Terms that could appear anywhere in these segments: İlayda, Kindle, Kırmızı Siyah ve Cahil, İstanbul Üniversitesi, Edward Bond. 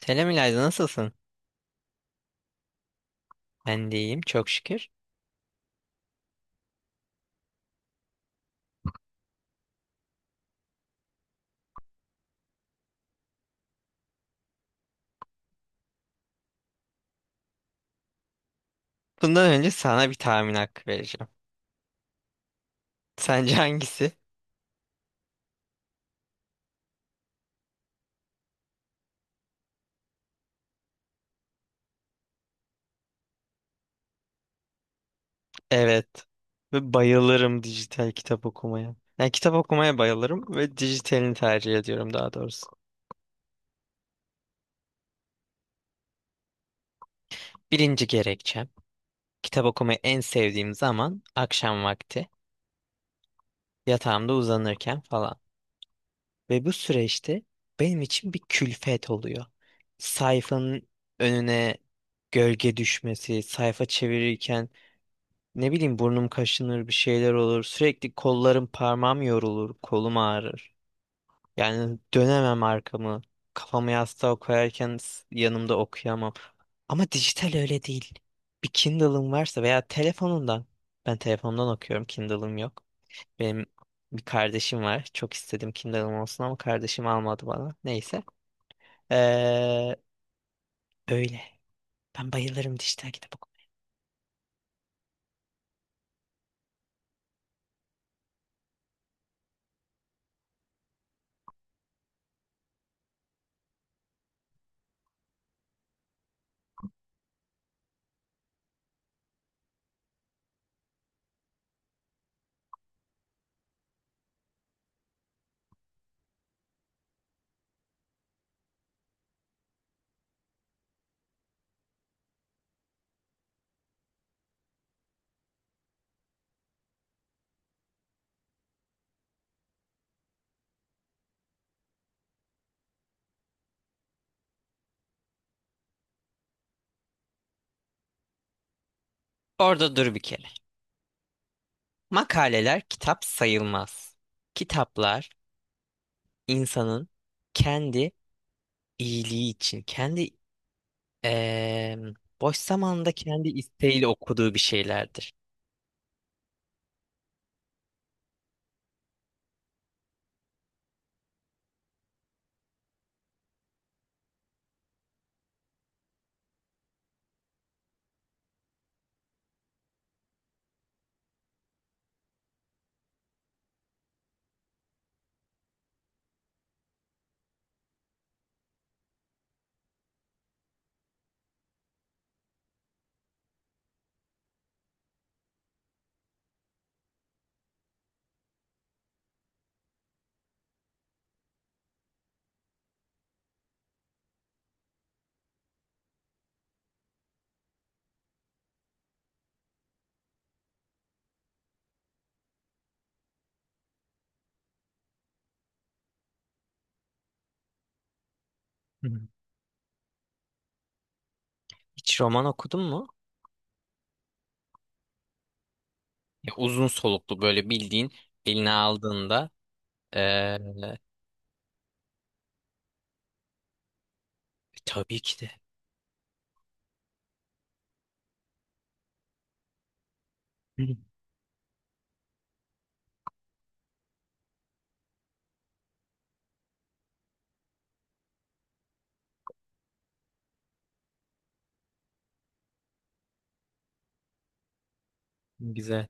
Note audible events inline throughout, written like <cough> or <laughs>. Selam İlayda, nasılsın? Ben de iyiyim, çok şükür. Bundan önce sana bir tahmin hakkı vereceğim. Sence hangisi? Evet. Ve bayılırım dijital kitap okumaya. Yani kitap okumaya bayılırım ve dijitalini tercih ediyorum, daha doğrusu. Birinci gerekçem. Kitap okumayı en sevdiğim zaman akşam vakti. Yatağımda uzanırken falan. Ve bu süreçte benim için bir külfet oluyor. Sayfanın önüne gölge düşmesi, sayfa çevirirken, ne bileyim, burnum kaşınır, bir şeyler olur. Sürekli kollarım, parmağım yorulur. Kolum ağrır. Yani dönemem arkamı. Kafamı yastığa koyarken yanımda okuyamam. Ama dijital öyle değil. Bir Kindle'ın varsa veya telefonundan. Ben telefondan okuyorum. Kindle'ım yok. Benim bir kardeşim var. Çok istedim Kindle'ım olsun ama kardeşim almadı bana. Neyse. Ee, öyle. Ben bayılırım dijital kitap okumaya. Orada dur bir kere. Makaleler kitap sayılmaz. Kitaplar insanın kendi iyiliği için, kendi eee, boş zamanında kendi isteğiyle okuduğu bir şeylerdir. Hı hı. Hiç roman okudun mu? Ya, uzun soluklu, böyle bildiğin eline aldığında, eee, tabii ki de. Hı. Güzel.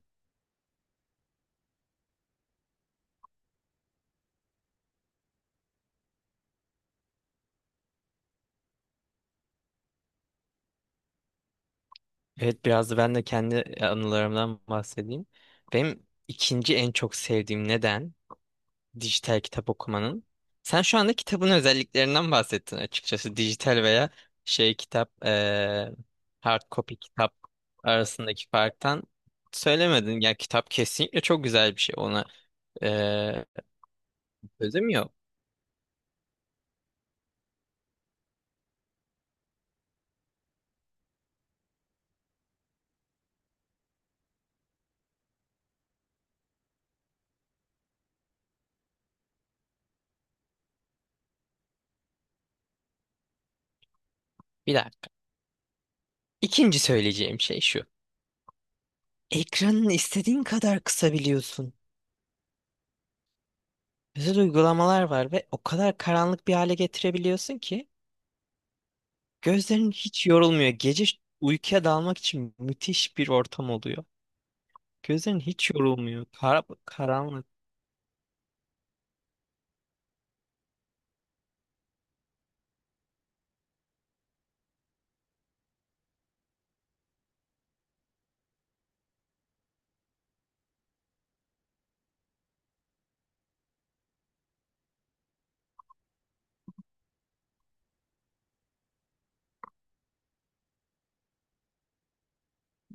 Evet, biraz da ben de kendi anılarımdan bahsedeyim. Benim ikinci en çok sevdiğim neden dijital kitap okumanın. Sen şu anda kitabın özelliklerinden bahsettin açıkçası. Dijital veya şey kitap, hard copy kitap arasındaki farktan söylemedin. Ya kitap kesinlikle çok güzel bir şey. Ona eee sözüm yok. Bir dakika. İkinci söyleyeceğim şey şu. Ekranını istediğin kadar kısabiliyorsun. Özel uygulamalar var ve o kadar karanlık bir hale getirebiliyorsun ki gözlerin hiç yorulmuyor. Gece uykuya dalmak için müthiş bir ortam oluyor. Gözlerin hiç yorulmuyor. Kara, karanlık.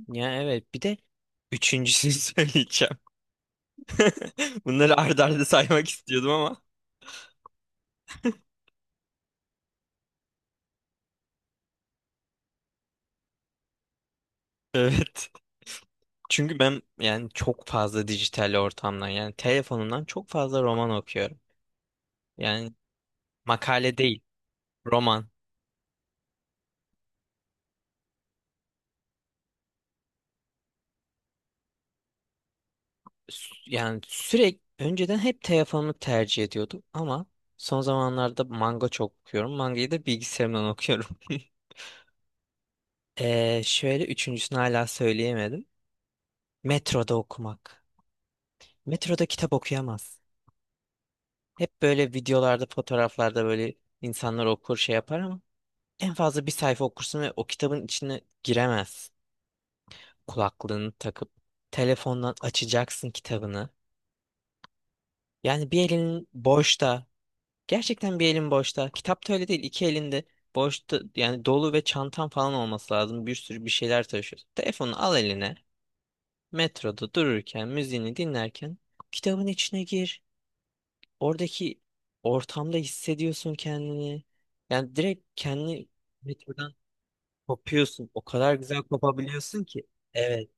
Ya evet. Bir de üçüncüsünü <laughs> söyleyeceğim. <laughs> Bunları arda arda saymak istiyordum ama. Evet. Çünkü ben, yani, çok fazla dijital ortamdan, yani telefonumdan çok fazla roman okuyorum. Yani makale değil, roman. Yani sürekli önceden hep telefonumu tercih ediyordum ama son zamanlarda manga çok okuyorum. Mangayı da bilgisayarımdan okuyorum. <laughs> Şöyle, üçüncüsünü hala söyleyemedim. Metroda okumak. Metroda kitap okuyamaz. Hep böyle videolarda, fotoğraflarda, böyle insanlar okur, şey yapar ama en fazla bir sayfa okursun ve o kitabın içine giremez. Kulaklığını takıp telefondan açacaksın kitabını. Yani bir elin boşta. Gerçekten bir elin boşta. Kitap da öyle değil. İki elinde boşta, yani dolu ve çantan falan olması lazım. Bir sürü bir şeyler taşıyorsun. Telefonu al eline. Metroda dururken, müziğini dinlerken kitabın içine gir. Oradaki ortamda hissediyorsun kendini. Yani direkt kendi metrodan kopuyorsun. O kadar güzel kopabiliyorsun ki. Evet,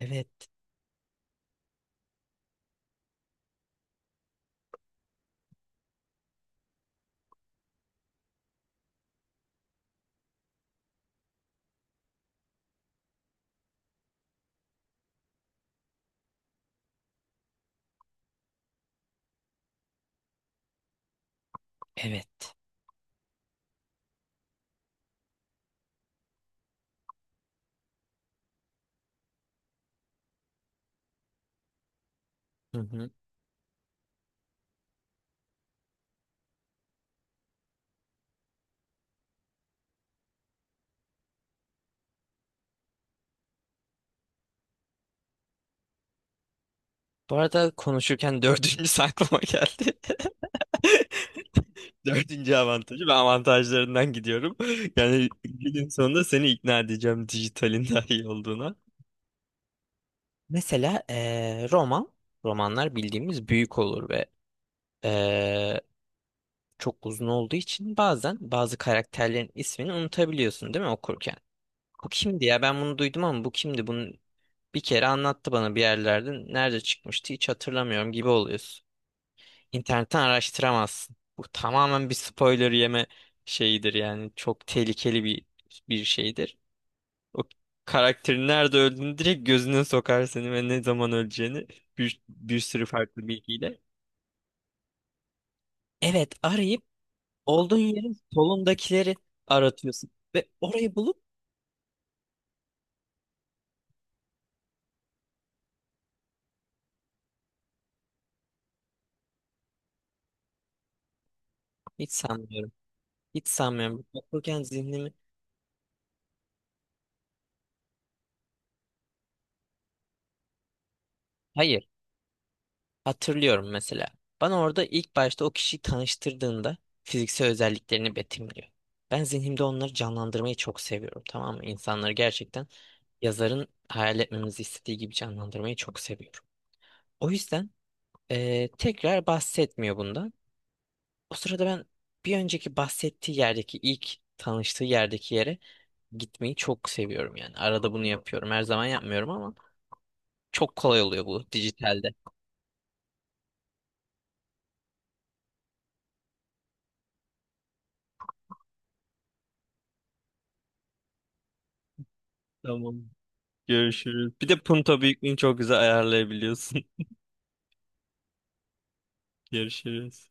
evet, evet. Hı hı. Bu arada konuşurken dördüncü <laughs> aklıma geldi. Dördüncü avantajı ve avantajlarından gidiyorum. <laughs> Yani günün sonunda seni ikna edeceğim dijitalin <laughs> daha iyi olduğuna. Mesela romanlar bildiğimiz büyük olur ve eee çok uzun olduğu için bazen bazı karakterlerin ismini unutabiliyorsun, değil mi, okurken? Bu kimdi ya? Ben bunu duydum ama bu kimdi? Bunu bir kere anlattı bana bir yerlerde. Nerede çıkmıştı, hiç hatırlamıyorum gibi oluyorsun. İnternetten araştıramazsın. Bu tamamen bir spoiler yeme şeyidir yani. Çok tehlikeli bir şeydir. O karakterin nerede öldüğünü direkt gözüne sokar seni ve ne zaman öleceğini, bir sürü farklı bilgiyle. Evet, arayıp, olduğun yerin solundakileri aratıyorsun. Ve orayı bulup hiç sanmıyorum. Hiç sanmıyorum. Okurken zihnimi... Hayır. Hatırlıyorum mesela. Bana orada ilk başta o kişiyi tanıştırdığında fiziksel özelliklerini betimliyor. Ben zihnimde onları canlandırmayı çok seviyorum. Tamam mı? İnsanları gerçekten yazarın hayal etmemizi istediği gibi canlandırmayı çok seviyorum. O yüzden tekrar bahsetmiyor bundan. O sırada ben bir önceki bahsettiği yerdeki ilk tanıştığı yerdeki yere gitmeyi çok seviyorum yani. Arada bunu yapıyorum. Her zaman yapmıyorum ama çok kolay oluyor bu dijitalde. Tamam. Görüşürüz. Bir de punto büyüklüğünü çok güzel ayarlayabiliyorsun. <laughs> Görüşürüz.